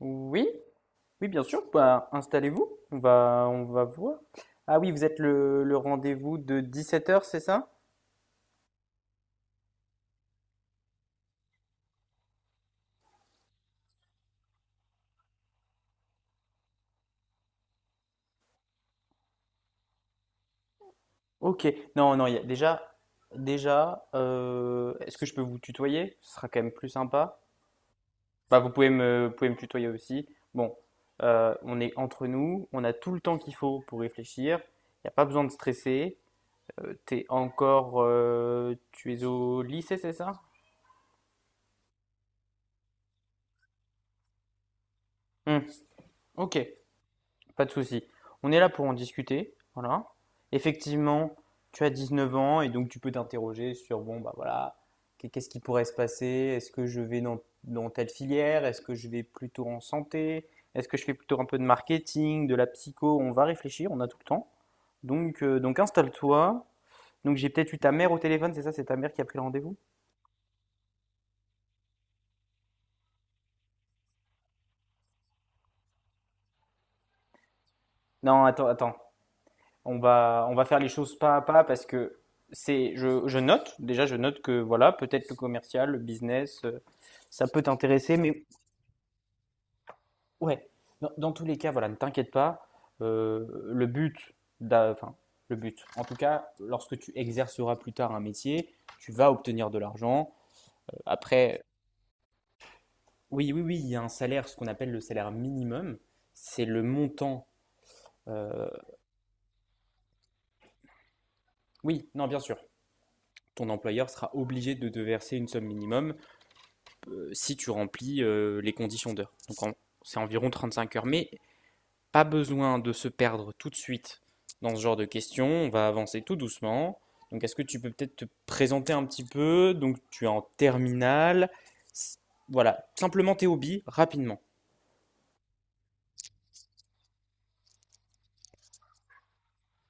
Oui, oui, bien sûr. Bah, installez-vous. On va voir. Ah oui, vous êtes le rendez-vous de 17 heures, c'est ça? Ok. Non, non, il y a déjà, déjà, est-ce que je peux vous tutoyer? Ce sera quand même plus sympa. Bah, vous pouvez me tutoyer aussi. Bon, on est entre nous. On a tout le temps qu'il faut pour réfléchir. Il n'y a pas besoin de stresser. Tu es au lycée, c'est ça? Hmm, ok. Pas de souci. On est là pour en discuter. Voilà. Effectivement, tu as 19 ans et donc tu peux t'interroger sur, bon, bah voilà, qu'est-ce qui pourrait se passer? Est-ce que je vais dans telle filière? Est-ce que je vais plutôt en santé? Est-ce que je fais plutôt un peu de marketing, de la psycho? On va réfléchir, on a tout le temps. Donc installe-toi. Donc j'ai peut-être eu ta mère au téléphone, c'est ça? C'est ta mère qui a pris le rendez-vous? Non, attends, attends. On va faire les choses pas à pas parce que je note, déjà, je note que voilà, peut-être le commercial, le business, ça peut t'intéresser, mais ouais, dans tous les cas, voilà, ne t'inquiète pas. Le but, d'a- enfin, le but, en tout cas, lorsque tu exerceras plus tard un métier, tu vas obtenir de l'argent. Après, oui, oui, oui, il y a un salaire, ce qu'on appelle le salaire minimum. C'est le montant. euh, Oui, non, bien sûr. Ton employeur sera obligé de te verser une somme minimum si tu remplis les conditions d'heure. C'est environ 35 heures. Mais pas besoin de se perdre tout de suite dans ce genre de questions. On va avancer tout doucement. Donc est-ce que tu peux peut-être te présenter un petit peu? Donc tu es en terminale. Voilà, simplement tes hobbies, rapidement.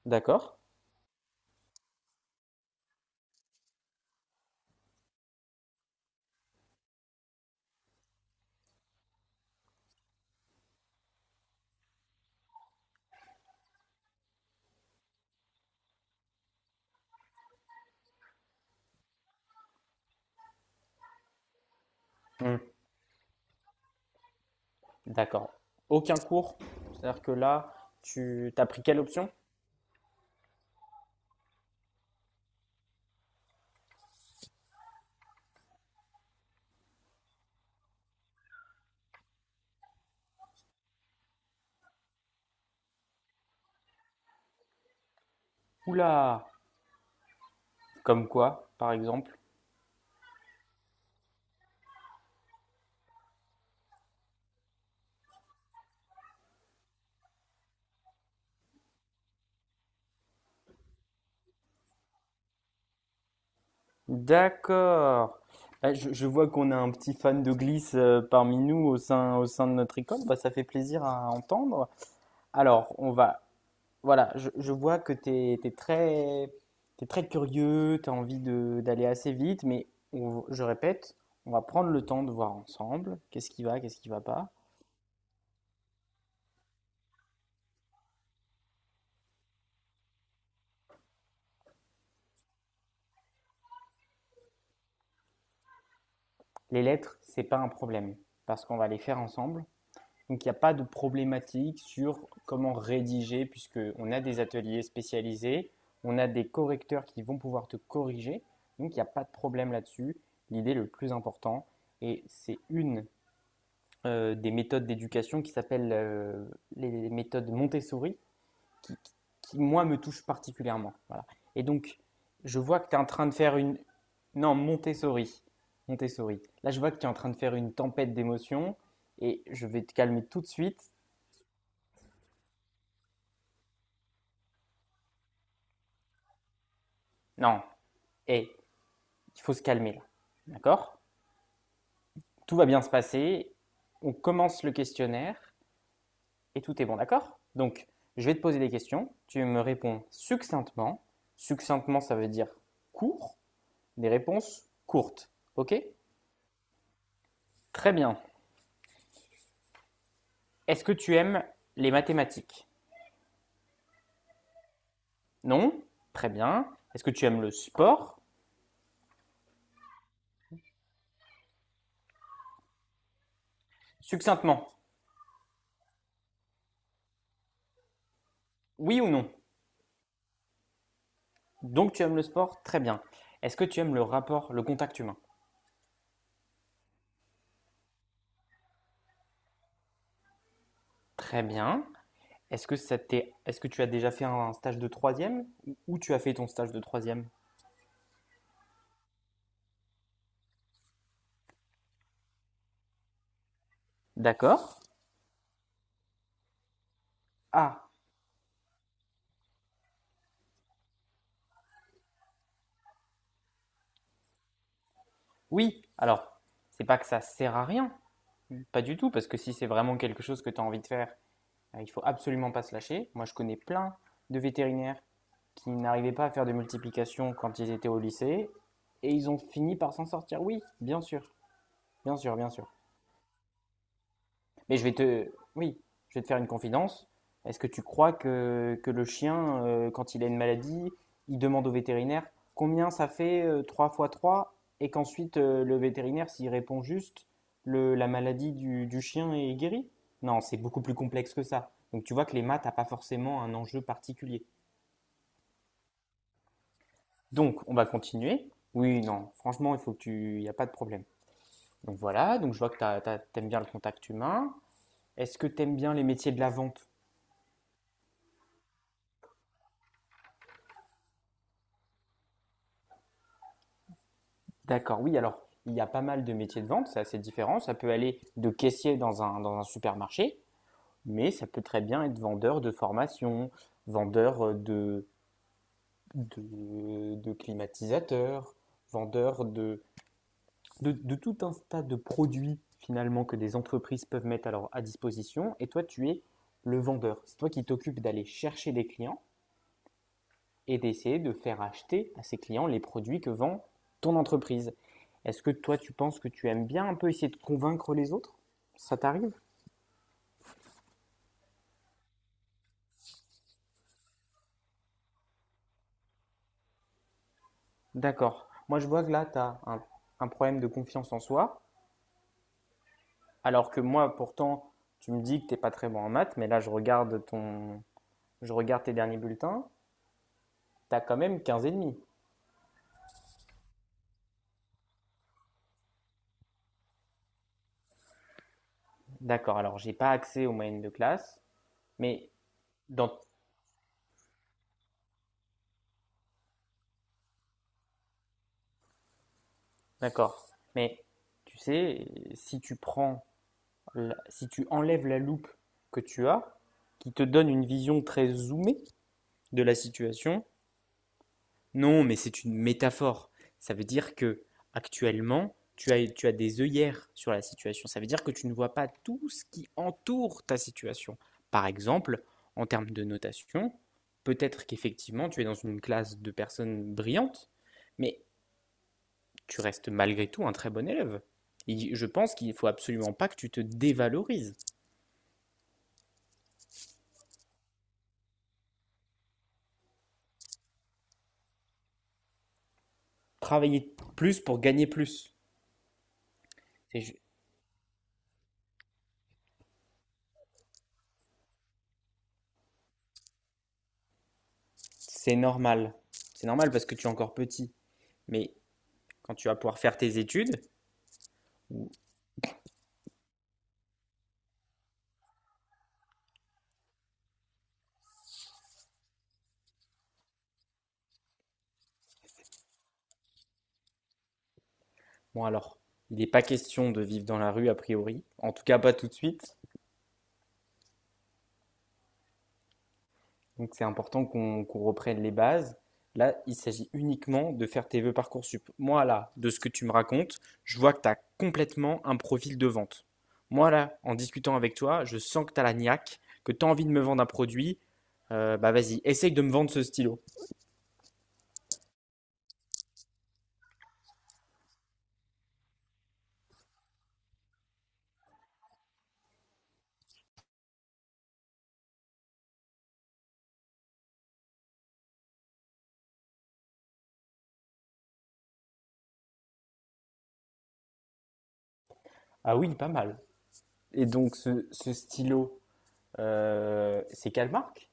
D'accord? Hmm, d'accord. Aucun cours? C'est-à-dire que là, tu as pris quelle option? Oula! Comme quoi, par exemple? D'accord. Ah, je vois qu'on a un petit fan de glisse parmi nous au sein de notre école. Bah, ça fait plaisir à entendre. Alors, on va. Voilà, je vois que t'es très curieux, tu as d'aller assez vite, mais je répète, on va prendre le temps de voir ensemble qu'est-ce qui va pas. Les lettres, c'est pas un problème, parce qu'on va les faire ensemble. Donc il n'y a pas de problématique sur comment rédiger, puisqu'on a des ateliers spécialisés, on a des correcteurs qui vont pouvoir te corriger. Donc il n'y a pas de problème là-dessus. L'idée le plus important, et c'est une des méthodes d'éducation qui s'appelle les méthodes Montessori, qui, qui, moi me touche particulièrement. Voilà. Et donc je vois que tu es en train de faire une... Non, Montessori. Montessori. Là je vois que tu es en train de faire une tempête d'émotions, et je vais te calmer tout de suite. Non, hé, il faut se calmer là. D'accord? Tout va bien se passer. On commence le questionnaire et tout est bon, d'accord? Donc, je vais te poser des questions. Tu me réponds succinctement. Succinctement, ça veut dire court. Des réponses courtes. Ok? Très bien. Est-ce que tu aimes les mathématiques? Non? Très bien. Est-ce que tu aimes le sport? Succinctement. Oui ou non? Donc, tu aimes le sport? Très bien. Est-ce que tu aimes le rapport, le contact humain? Très bien. Est-ce que tu as déjà fait un stage de troisième tu as fait ton stage de troisième? D'accord. Ah, oui. Alors, c'est pas que ça sert à rien, pas du tout, parce que si c'est vraiment quelque chose que tu as envie de faire, il faut absolument pas se lâcher. Moi, je connais plein de vétérinaires qui n'arrivaient pas à faire de multiplication quand ils étaient au lycée et ils ont fini par s'en sortir. Oui, bien sûr, bien sûr, bien sûr. Mais je vais te, oui, je vais te faire une confidence. Est-ce que tu crois que le chien, quand il a une maladie, il demande au vétérinaire combien ça fait 3 fois 3 et qu'ensuite le vétérinaire, s'il répond juste, la maladie du chien est guérie? Non, c'est beaucoup plus complexe que ça. Donc tu vois que les maths n'ont pas forcément un enjeu particulier. Donc on va continuer. Oui, non, franchement, il faut que tu... Il n'y a pas de problème. Donc voilà, donc je vois que tu aimes bien le contact humain. Est-ce que tu aimes bien les métiers de la vente? D'accord, oui, alors il y a pas mal de métiers de vente, c'est assez différent. Ça peut aller de caissier dans un supermarché, mais ça peut très bien être vendeur de formation, vendeur de climatiseur, vendeur de tout un tas de produits finalement que des entreprises peuvent mettre à leur à disposition. Et toi, tu es le vendeur. C'est toi qui t'occupes d'aller chercher des clients et d'essayer de faire acheter à ces clients les produits que vend ton entreprise. Est-ce que toi, tu penses que tu aimes bien un peu essayer de convaincre les autres? Ça t'arrive? D'accord. Moi, je vois que là, un problème de confiance en soi, alors que moi, pourtant, tu me dis que t'es pas très bon en maths, mais là, je regarde tes derniers bulletins, tu as quand même 15,5. D'accord. Alors, j'ai pas accès aux moyennes de classe, mais dans, d'accord. Mais tu sais, si tu prends, si tu enlèves la loupe que tu as, qui te donne une vision très zoomée de la situation, Non, mais c'est une métaphore. Ça veut dire que actuellement, tu as des œillères sur la situation. Ça veut dire que tu ne vois pas tout ce qui entoure ta situation. Par exemple, en termes de notation, peut-être qu'effectivement, tu es dans une classe de personnes brillantes, mais tu restes malgré tout un très bon élève. Et je pense qu'il ne faut absolument pas que tu te dévalorises. Travailler plus pour gagner plus, c'est normal. C'est normal parce que tu es encore petit. Mais quand tu vas pouvoir faire tes études, bon alors, il n'est pas question de vivre dans la rue a priori, en tout cas pas tout de suite, donc c'est important qu'on reprenne les bases. Là, il s'agit uniquement de faire tes vœux Parcoursup. Moi là, de ce que tu me racontes, je vois que tu as complètement un profil de vente. Moi là, en discutant avec toi, je sens que tu as la niaque, que tu as envie de me vendre un produit. Bah vas-y, essaye de me vendre ce stylo. Ah oui, pas mal. Et donc ce stylo, c'est quelle marque?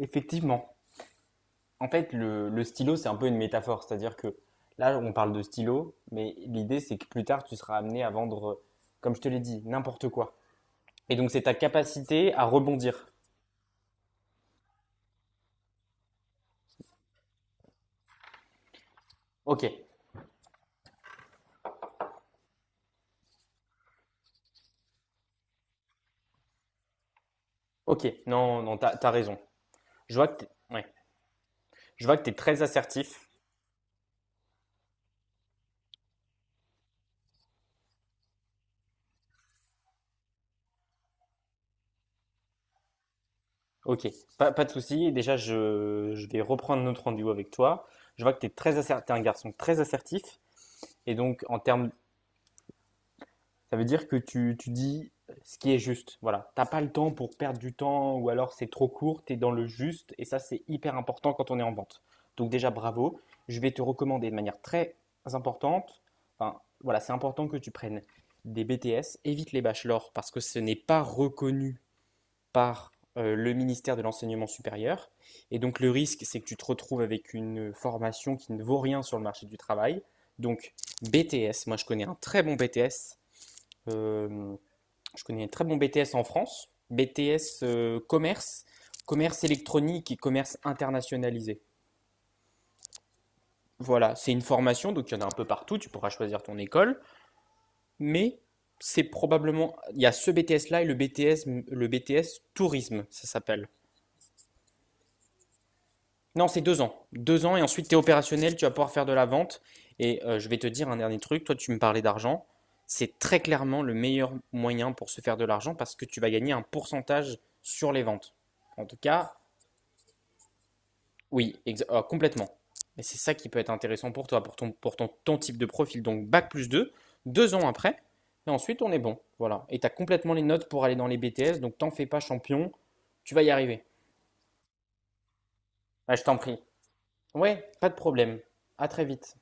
Effectivement. En fait, le stylo, c'est un peu une métaphore. C'est-à-dire que là, on parle de stylo, mais l'idée, c'est que plus tard, tu seras amené à vendre, comme je te l'ai dit, n'importe quoi. Et donc, c'est ta capacité à rebondir. Ok, ok, non, non, t'as raison. Je vois que t'es, ouais. Je vois que t'es très assertif. Ok, pas, pas de souci. Déjà, je vais reprendre notre rendez-vous avec toi. Je vois que t'es très assertif, t'es un garçon très assertif. Et donc, en termes. Ça veut dire que tu dis ce qui est juste. Voilà. T'as pas le temps pour perdre du temps ou alors c'est trop court, t'es dans le juste et ça c'est hyper important quand on est en vente. Donc déjà bravo, je vais te recommander de manière très importante, enfin voilà, c'est important que tu prennes des BTS, évite les bachelors parce que ce n'est pas reconnu par le ministère de l'enseignement supérieur et donc le risque c'est que tu te retrouves avec une formation qui ne vaut rien sur le marché du travail. Donc BTS, moi je connais un très bon BTS euh, je connais un très bon BTS en France, BTS commerce, commerce électronique et commerce internationalisé. Voilà, c'est une formation, donc il y en a un peu partout, tu pourras choisir ton école, mais c'est probablement, il y a ce BTS-là et le BTS tourisme, ça s'appelle. Non, c'est 2 ans. 2 ans et ensuite tu es opérationnel, tu vas pouvoir faire de la vente. Et je vais te dire un dernier truc, toi tu me parlais d'argent. C'est très clairement le meilleur moyen pour se faire de l'argent parce que tu vas gagner un pourcentage sur les ventes. En tout cas, complètement. Et c'est ça qui peut être intéressant pour toi, ton type de profil. Donc bac +2, 2 ans après, et ensuite on est bon. Voilà. Et tu as complètement les notes pour aller dans les BTS, donc t'en fais pas champion, tu vas y arriver. Ah, je t'en prie. Ouais, pas de problème. À très vite.